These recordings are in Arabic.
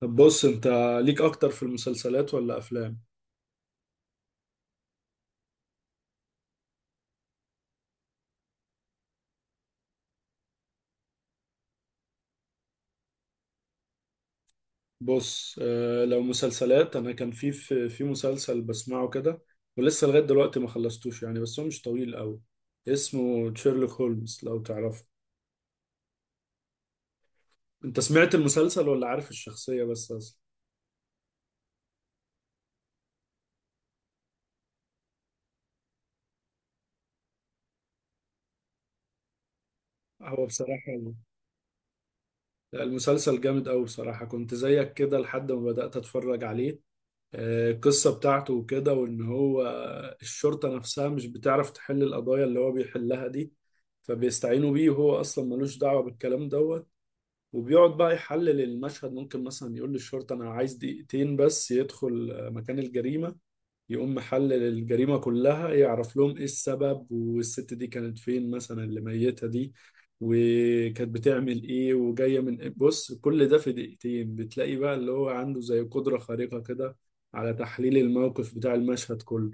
طب بص انت، ليك اكتر في المسلسلات ولا افلام؟ بص، آه، لو مسلسلات انا كان في مسلسل بسمعه كده، ولسه لغايه دلوقتي ما خلصتوش يعني، بس هو مش طويل قوي. اسمه شيرلوك هولمز، لو تعرفه. انت سمعت المسلسل ولا عارف الشخصيه بس اصلا؟ هو بصراحه، لا، المسلسل جامد قوي بصراحه. كنت زيك كده لحد ما بدات اتفرج عليه. آه، القصة بتاعته وكده، وإن هو الشرطة نفسها مش بتعرف تحل القضايا اللي هو بيحلها دي، فبيستعينوا بيه. وهو أصلا ملوش دعوة بالكلام دوت، وبيقعد بقى يحلل المشهد. ممكن مثلا يقول للشرطة أنا عايز دقيقتين بس يدخل مكان الجريمة، يقوم محلل الجريمة كلها، يعرف لهم ايه السبب، والست دي كانت فين مثلا اللي ميتها دي، وكانت بتعمل ايه، وجاية من إيه. بص، كل ده في دقيقتين. بتلاقي بقى اللي هو عنده زي قدرة خارقة كده على تحليل الموقف بتاع المشهد كله.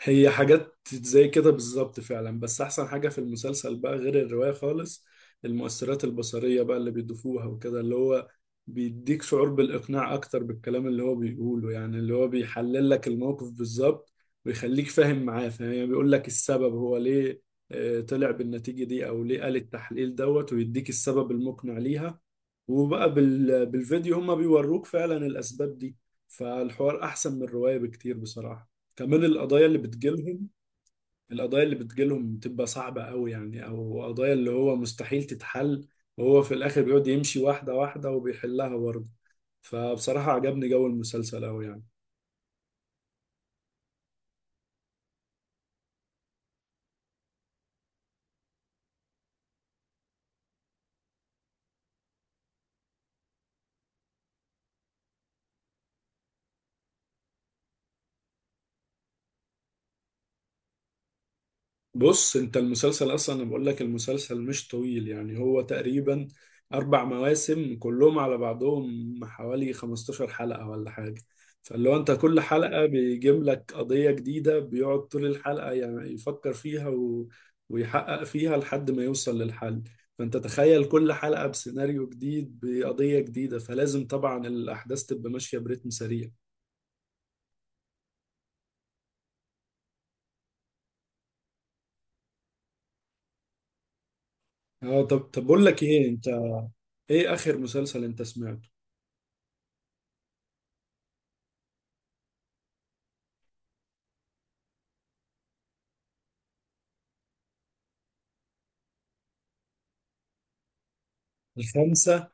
هي حاجات زي كده بالظبط فعلا، بس احسن حاجة في المسلسل بقى، غير الرواية خالص، المؤثرات البصرية بقى اللي بيضيفوها وكده، اللي هو بيديك شعور بالإقناع أكتر بالكلام اللي هو بيقوله. يعني اللي هو بيحلل لك الموقف بالظبط ويخليك فاهم معاه. فاهم؟ يعني بيقول لك السبب هو ليه طلع بالنتيجة دي، أو ليه قال التحليل دوت، ويديك السبب المقنع ليها. وبقى بالفيديو هما بيوروك فعلا الأسباب دي. فالحوار أحسن من الرواية بكتير بصراحة. كمان القضايا اللي بتجيلهم، القضايا اللي بتجيلهم بتبقى صعبة قوي، يعني او قضايا اللي هو مستحيل تتحل، وهو في الاخر بيقعد يمشي واحدة واحدة وبيحلها برضه. فبصراحة عجبني جو المسلسل قوي يعني. بص انت، المسلسل اصلا انا بقول لك المسلسل مش طويل يعني، هو تقريبا اربع مواسم كلهم على بعضهم حوالي 15 حلقة ولا حاجة. فاللي هو انت كل حلقة بيجيب لك قضية جديدة، بيقعد طول الحلقة يعني يفكر فيها و... ويحقق فيها لحد ما يوصل للحل. فانت تخيل كل حلقة بسيناريو جديد بقضية جديدة، فلازم طبعا الاحداث تبقى ماشية برتم سريع. اه، طب بقول لك ايه انت، ايه اخر مسلسل انت سمعته؟ الخمسة؟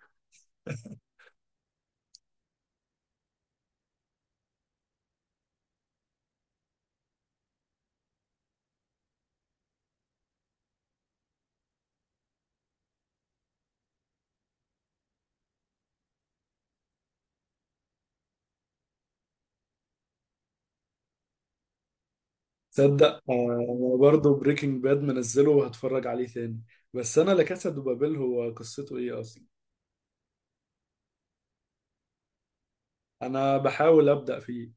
تصدق آه برضه بريكنج باد منزله وهتفرج عليه تاني. بس انا لا كاسا دو بابيل، هو قصته ايه اصلا؟ انا بحاول ابدا فيه.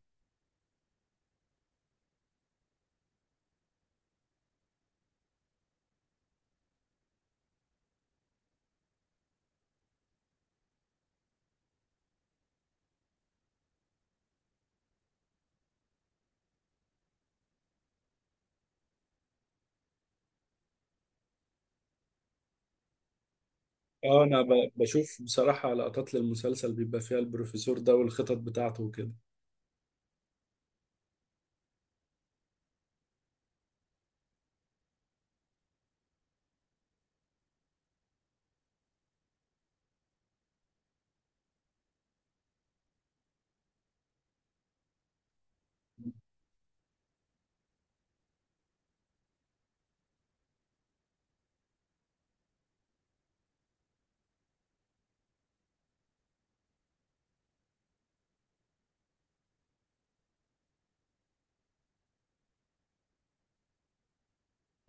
اه، انا بشوف بصراحه لقطات للمسلسل بيبقى فيها البروفيسور ده والخطط بتاعته وكده.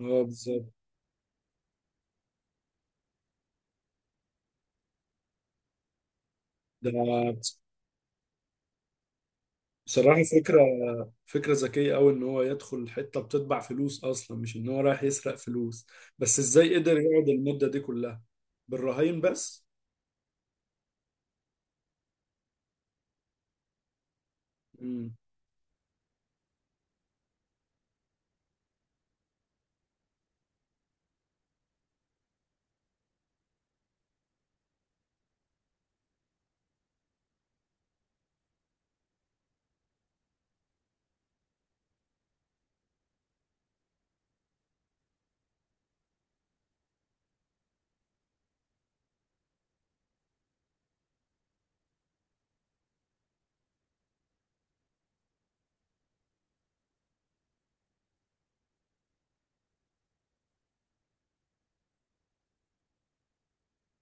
اه بالظبط. ده بصراحه فكره، فكره ذكيه قوي ان هو يدخل حته بتطبع فلوس اصلا، مش ان هو رايح يسرق فلوس. بس ازاي قدر يقعد المده دي كلها بالرهاين بس؟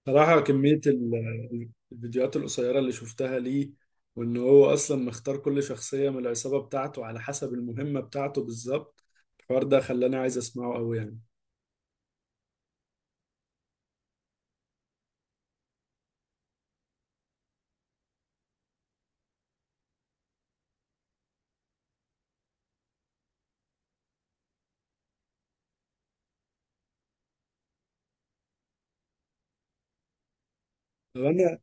صراحة كمية الفيديوهات القصيرة اللي شفتها ليه، وإن هو أصلا مختار كل شخصية من العصابة بتاعته على حسب المهمة بتاعته بالظبط، الحوار ده خلاني عايز أسمعه أوي يعني. طب أنا،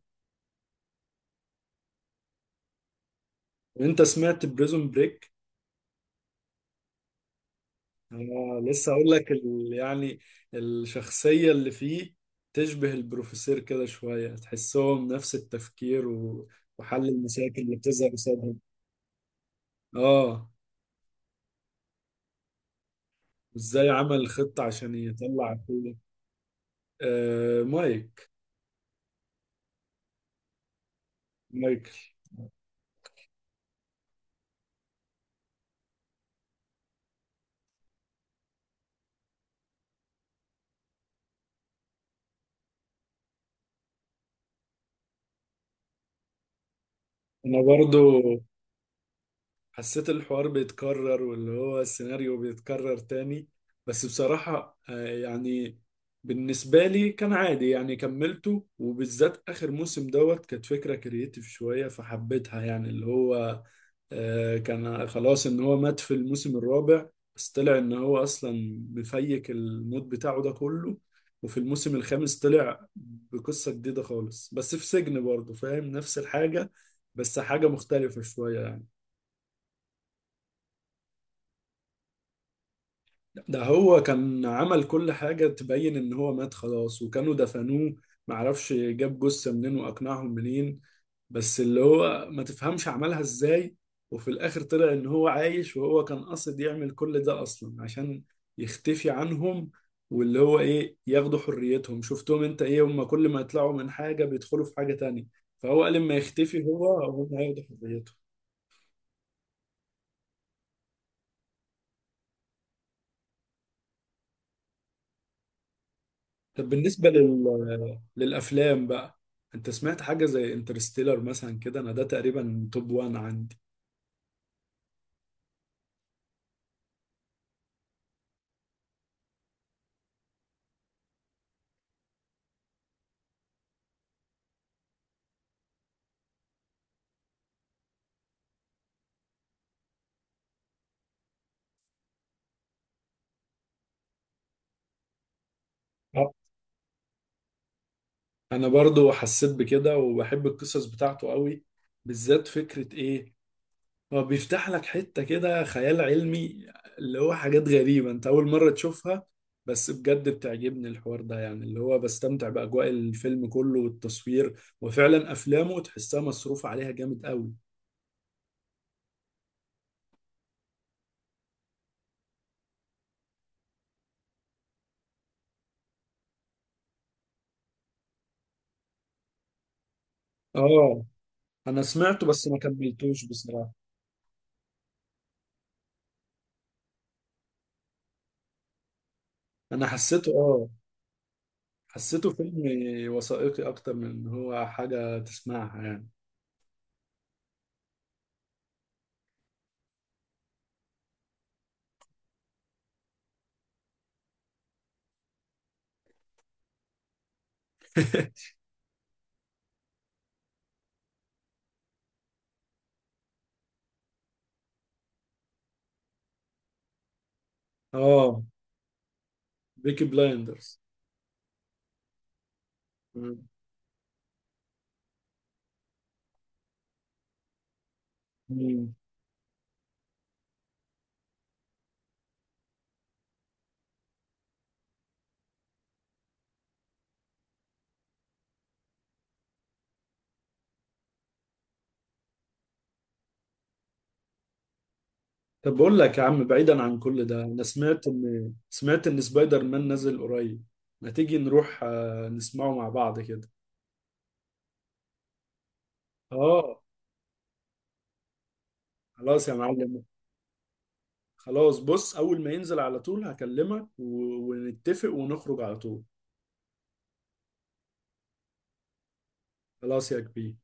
وأنت سمعت بريزون بريك؟ أنا لسه أقول لك يعني الشخصية اللي فيه تشبه البروفيسور كده شوية، تحسهم نفس التفكير و... وحل المشاكل اللي بتظهر قصادهم. آه. وإزاي عمل خطة عشان يطلع أخوه. آه، مايك. مايك. انا برضو حسيت الحوار بيتكرر، واللي هو السيناريو بيتكرر تاني. بس بصراحة يعني بالنسبة لي كان عادي يعني، كملته. وبالذات آخر موسم دوت كانت فكرة كرييتيف شوية فحبيتها. يعني اللي هو كان خلاص ان هو مات في الموسم الرابع، بس طلع ان هو اصلا مفيك الموت بتاعه ده كله. وفي الموسم الخامس طلع بقصة جديدة خالص، بس في سجن برضه، فاهم؟ نفس الحاجة، بس حاجة مختلفة شوية يعني. ده هو كان عمل كل حاجة تبين ان هو مات خلاص، وكانوا دفنوه. معرفش جاب جثة منين واقنعهم منين، بس اللي هو ما تفهمش عملها ازاي. وفي الاخر طلع ان هو عايش، وهو كان قاصد يعمل كل ده اصلا عشان يختفي عنهم. واللي هو ايه، ياخدوا حريتهم. شفتهم انت ايه؟ هم كل ما يطلعوا من حاجة بيدخلوا في حاجة تانية، فهو قال لما يختفي هو، هم هياخدوا حريتهم. طب بالنسبة للأفلام بقى، انت سمعت حاجة زي انترستيلر مثلا كده؟ انا ده تقريبا توب وان عندي. آه، انا برضو حسيت بكده وبحب القصص بتاعته قوي، بالذات فكرة ايه، هو بيفتح لك حتة كده خيال علمي، اللي هو حاجات غريبة انت أول مرة تشوفها. بس بجد بتعجبني الحوار ده يعني، اللي هو بستمتع بأجواء الفيلم كله والتصوير، وفعلا أفلامه تحسها مصروف عليها جامد قوي. اه، أنا سمعته بس ما كملتوش بصراحة. أنا حسيته، اه، حسيته فيلم وثائقي أكتر من إن هو حاجة تسمعها يعني. اه، بيكي بلايندرز. طب بقول لك يا عم، بعيدا عن كل ده، انا سمعت ان، سبايدر مان نازل قريب. ما تيجي نروح نسمعه مع بعض كده؟ اه. خلاص يا معلم. خلاص، بص، اول ما ينزل على طول هكلمك و... ونتفق ونخرج على طول. خلاص يا كبير.